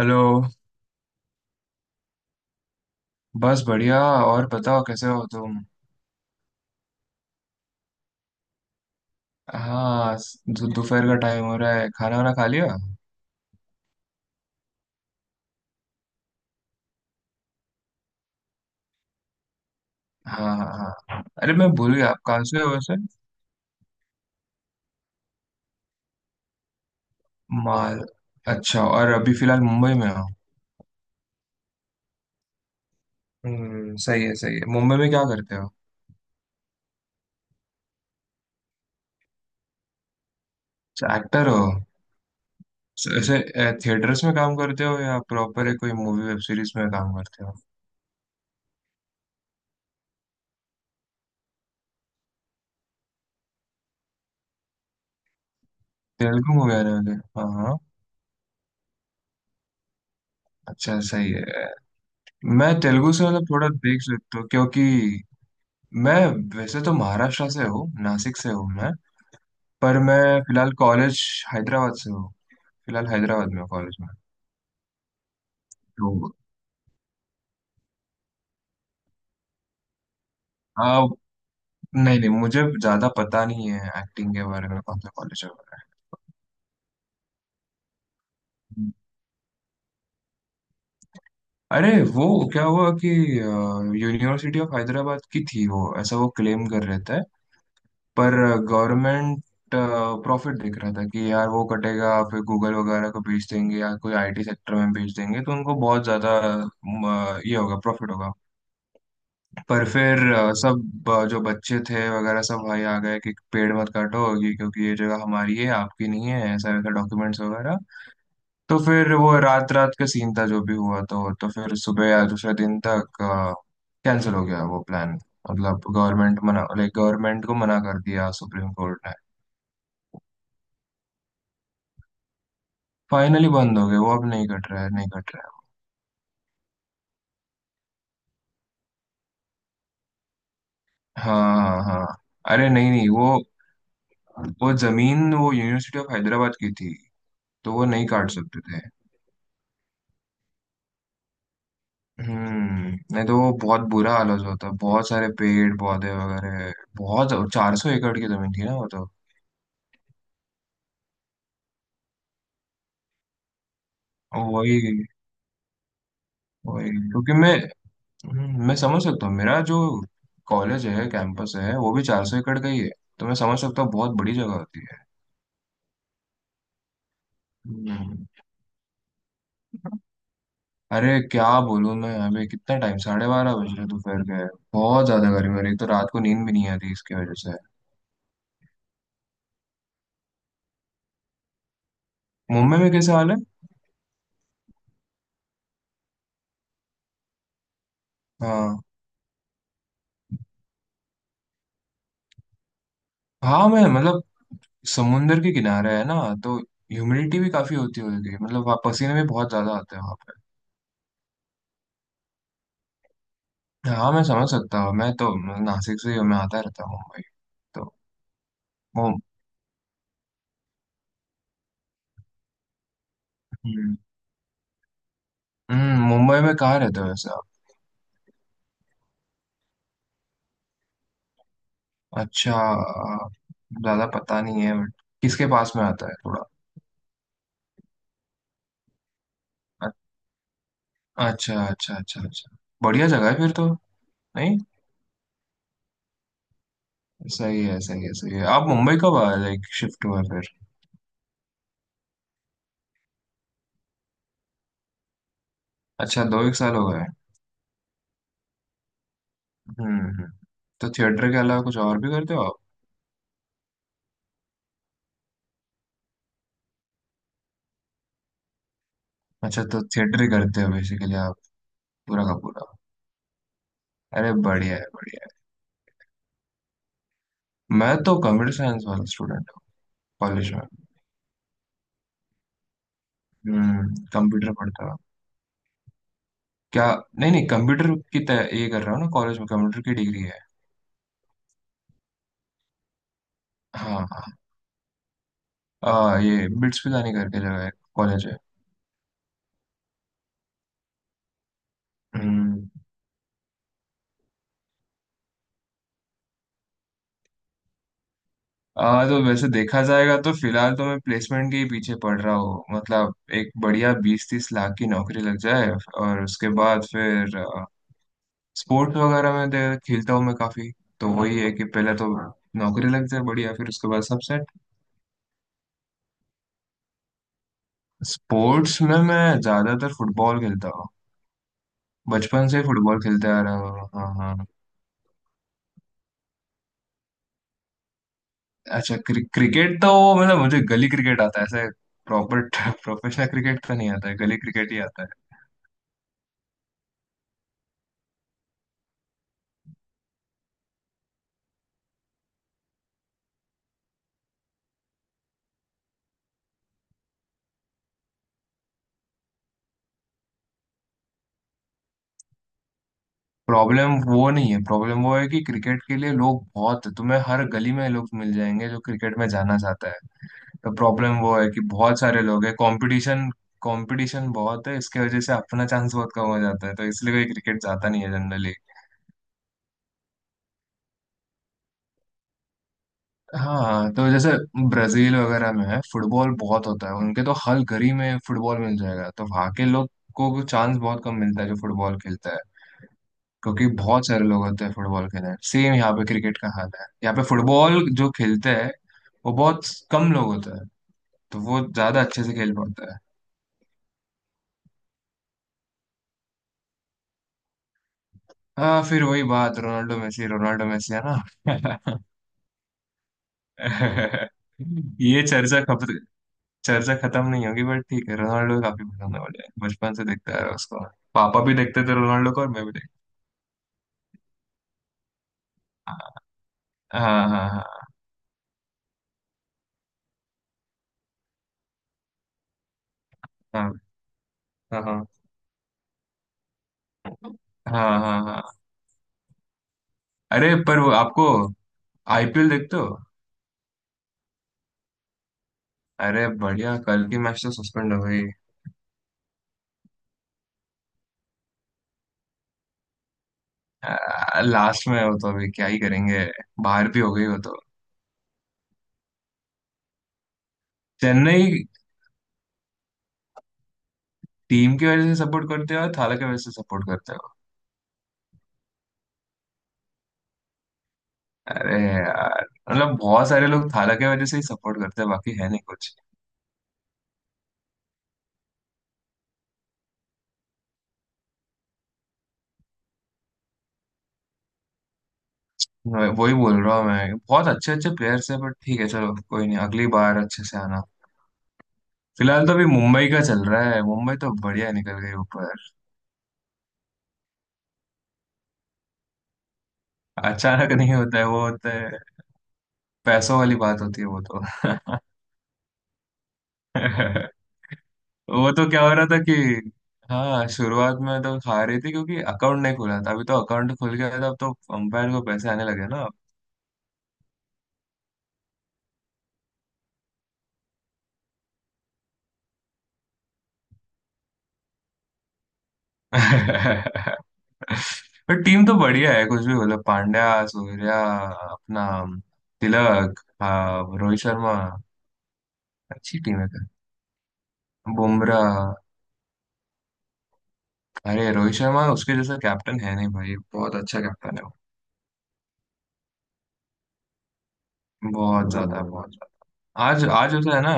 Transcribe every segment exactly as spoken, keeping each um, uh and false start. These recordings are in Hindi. हेलो। बस बढ़िया। और बताओ कैसे हो तुम? हाँ, स- दो- दोपहर का टाइम हो रहा है, खाना वाना खा लिया? हाँ हाँ। हाँ, अरे मैं भूल गया, आप कहाँ से हो वैसे? माल अच्छा, और अभी फिलहाल मुंबई में हो? हम्म, सही है सही है। मुंबई में क्या करते हो? एक्टर हो? स- ऐसे थिएटर्स में काम करते हो या प्रॉपर है, कोई मूवी वेब सीरीज में काम करते हो? तेलुगु मूवी आने वाली है। हाँ हाँ। अच्छा, सही है। मैं तेलुगु से मतलब थोड़ा देख सकता हूँ क्योंकि मैं, वैसे तो महाराष्ट्र से हूँ, नासिक से हूँ मैं। पर मैं फिलहाल कॉलेज हैदराबाद से हूँ, फिलहाल हैदराबाद में हूँ कॉलेज में। तो आ, नहीं नहीं, मुझे ज़्यादा पता नहीं है एक्टिंग के बारे में, कौन सा कॉलेज वगैरह। है, अरे वो क्या हुआ कि यूनिवर्सिटी ऑफ हैदराबाद की थी वो, ऐसा वो क्लेम कर रहे थे। पर गवर्नमेंट प्रॉफिट देख रहा था कि यार वो कटेगा फिर गूगल वगैरह को बेच देंगे या कोई आई टी सेक्टर में बेच देंगे, तो उनको बहुत ज़्यादा अ, ये होगा, प्रॉफिट होगा। पर फिर अ, सब अ, जो बच्चे थे वगैरह सब भाई आ गए कि पेड़ मत काटो ये, क्योंकि ये जगह हमारी है, आपकी नहीं है, ऐसा वैसा डॉक्यूमेंट्स वगैरह। तो फिर वो रात रात का सीन था जो भी हुआ, तो तो फिर सुबह या दूसरे दिन तक कैंसिल हो गया वो प्लान। मतलब गवर्नमेंट मना, लाइक गवर्नमेंट को मना कर दिया सुप्रीम कोर्ट ने। फाइनली बंद हो गए, वो अब नहीं कट रहा है, नहीं कट रहा है। हाँ हाँ हाँ, अरे नहीं नहीं, वो, वो जमीन वो यूनिवर्सिटी ऑफ हैदराबाद की थी, तो वो नहीं काट सकते थे। हम्म। नहीं तो वो बहुत बुरा हाल हो जाता है, बहुत सारे पेड़ पौधे वगैरह, बहुत चार सौ एकड़ की जमीन थी ना वो तो। वही, वही क्योंकि मैं, हम्म, मैं समझ सकता हूँ, मेरा जो कॉलेज है कैंपस है वो भी चार सौ एकड़ का ही है। तो मैं समझ सकता हूँ, बहुत बड़ी जगह होती है। हम्म, अरे क्या बोलूँ मैं? अभी कितना टाइम, साढ़े बारह बज रहे दोपहर के। बहुत ज्यादा गर्मी हो रही है, तो रात को नींद भी नहीं आती इसकी वजह से। मुंबई में कैसा हाल है? हाँ, हाँ मैं मतलब, समुंदर के किनारे है ना, तो ह्यूमिडिटी भी काफी होती होगी, मतलब वहाँ पसीने भी बहुत ज्यादा आते हैं वहाँ पे। हाँ, मैं समझ सकता हूँ, मैं तो नासिक से ही हूँ, मैं आता रहता हूँ मुंबई। तो मु- हम्म, हम्म, मुंबई में कहाँ रहते हो वैसे आप? अच्छा, ज्यादा पता नहीं है बट, किसके पास में आता है थोड़ा? अ- अच्छा अच्छा अच्छा अच्छा, बढ़िया जगह है फिर तो। नहीं, सही है सही है सही है। आप मुंबई कब आए, लाइक शिफ्ट हुआ फिर? अच्छा, दो एक साल हो गए। हम्म हम्म। तो थिएटर के अलावा कुछ और भी करते हो आप? अच्छा, तो थिएटर ही करते हो बेसिकली आप, पूरा का पूरा? अरे, बढ़िया है बढ़िया। है, मैं तो कंप्यूटर साइंस वाला स्टूडेंट हूँ, कॉलेज में। हम्म, कंप्यूटर पढ़ता हूँ। क्या? नहीं नहीं, कंप्यूटर की तय ये कर रहा हूँ ना कॉलेज में, कंप्यूटर की डिग्री है। हाँ हाँ, आ, ये बिट्स पिलानी करके जगह है, कॉलेज है। हम्म, आ, तो वैसे देखा जाएगा तो फिलहाल तो मैं प्लेसमेंट के ही पीछे पड़ रहा हूँ, मतलब एक बढ़िया बीस तीस लाख की नौकरी लग जाए, और उसके बाद फिर स्पोर्ट्स वगैरह में दे- खेलता हूँ मैं काफी। तो वही है कि पहले तो नौकरी लग जाए बढ़िया, फिर उसके बाद सब सेट। स्पोर्ट्स में मैं ज्यादातर फुटबॉल खेलता हूँ। बचपन से फुटबॉल खेलते आ रहा हूँ, हाँ हाँ। अच्छा, क्रि क्रिकेट तो, मतलब मुझे गली क्रिकेट आता है ऐसे, प्रॉपर प्रोफेशनल क्रिकेट तो नहीं आता है, गली क्रिकेट ही आता है। प्रॉब्लम वो नहीं है, प्रॉब्लम वो है कि क्रिकेट के लिए लोग बहुत, तुम्हें हर गली में लोग मिल जाएंगे जो क्रिकेट में जाना चाहता है। तो प्रॉब्लम वो है कि बहुत सारे लोग हैं, कंपटीशन, कंपटीशन बहुत है, इसके वजह से अपना चांस बहुत कम हो जाता है, तो इसलिए कोई क्रिकेट जाता नहीं है जनरली। हाँ, तो जैसे ब्राजील वगैरह में है, फुटबॉल बहुत होता है उनके, तो हर गली में फुटबॉल मिल जाएगा, तो वहाँ के लोग को चांस बहुत कम मिलता है जो फुटबॉल खेलता है। क्योंकि बहुत सारे लोग होते हैं फुटबॉल के अंदर। सेम यहाँ पे क्रिकेट का हाल है, यहाँ पे फुटबॉल जो खेलते हैं वो बहुत कम लोग होते हैं, तो वो ज्यादा अच्छे से खेल पाते हैं। हाँ फिर वही बात, रोनाल्डो मेसी, रोनाल्डो मेसी है ना? ये चर्चा खप चर्चा खत्म नहीं होगी बट, ठीक है, रोनाल्डो काफी पसंद है मुझे, बचपन से देखता है उसको। पापा भी देखते थे रोनाल्डो को, और मैं भी देखता। हाँ हाँ हाँ हाँ। हाँ हाँ हाँ। हाँ हाँ। हाँ। अरे पर वो आपको, आई पी एल देखते हो? अरे बढ़िया, कल की मैच तो सस्पेंड हो गई। लास्ट में हो तो अभी क्या ही करेंगे, बाहर भी हो गई हो तो। चेन्नई, टीम की वजह से सपोर्ट करते हो या थाला की वजह से सपोर्ट करते हो? अरे यार, मतलब बहुत सारे लोग थाला की वजह से ही सपोर्ट करते हैं, बाकी है नहीं कुछ। मैं वही बोल रहा हूँ, मैं, बहुत अच्छे अच्छे प्लेयर्स है बट ठीक है चलो, कोई नहीं, अगली बार अच्छे से आना। फिलहाल तो अभी मुंबई का चल रहा है, मुंबई तो बढ़िया निकल गई ऊपर। अचानक नहीं होता है वो, होता है, पैसों वाली बात होती है वो तो। वो तो क्या हो रहा था कि, हाँ, शुरुआत में तो खा रही थी क्योंकि अकाउंट नहीं खुला था, अभी तो अकाउंट खुल गया था, अब तो अंपायर को पैसे आने लगे ना। पर टीम तो बढ़िया है, कुछ भी बोलो, पांड्या, सूर्या, अपना तिलक, हाँ, रोहित शर्मा। अच्छी टीम है क्या, बुमराह। अरे रोहित शर्मा, उसके जैसा कैप्टन है नहीं भाई, बहुत अच्छा कैप्टन है वो। बहुत ज्यादा, बहुत ज्यादा। आज, आज ऐसा है ना,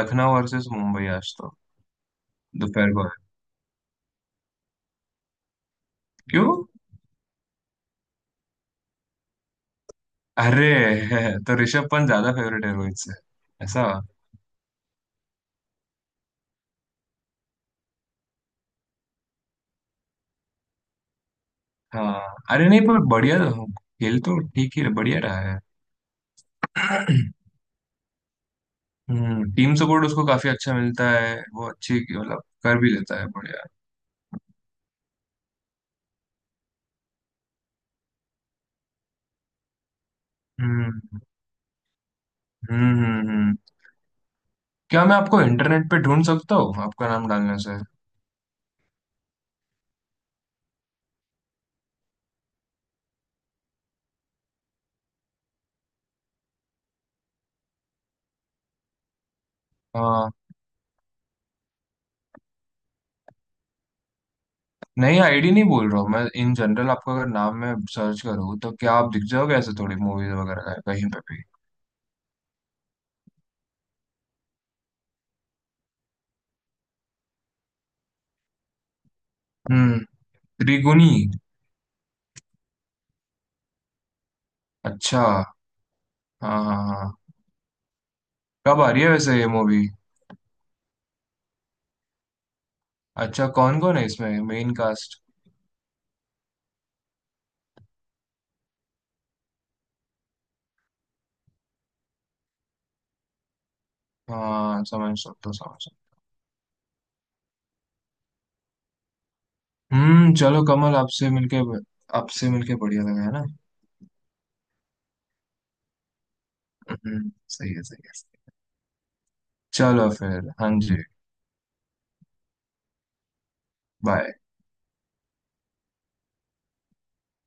लखनऊ वर्सेस मुंबई आज तो, दोपहर को है। क्यों? अरे, तो ऋषभ पंत ज्यादा फेवरेट है रोहित से? ऐसा? हाँ, अरे नहीं पर, बढ़िया तो- खेल तो ठीक ही बढ़िया रहा है। हम्म, टीम सपोर्ट उसको काफी अच्छा मिलता है, वो अच्छी मतलब कर भी लेता है बढ़िया। हम्म हम्म हम्म हम्म। क्या मैं आपको इंटरनेट पे ढूंढ सकता हूँ आपका नाम डालने से? हाँ, नहीं आईडी नहीं बोल रहा हूँ, मैं इन जनरल आपका अगर नाम में सर्च करूँ तो क्या आप दिख जाओगे, ऐसे थोड़ी मूवीज वगैरह का- कहीं पे भी? हम्म, त्रिगुणी, अच्छा, हाँ हाँ हाँ। कब आ रही है वैसे ये मूवी? अच्छा, कौन कौन है इसमें मेन कास्ट? हाँ समझ सकता हूँ, समझ सकता हूँ। हम्म, चलो, कमल आपसे मिलके, आपसे मिलके बढ़िया लगा है ना। हम्म, सही है सही है। चलो फिर, हाँ जी, बाय।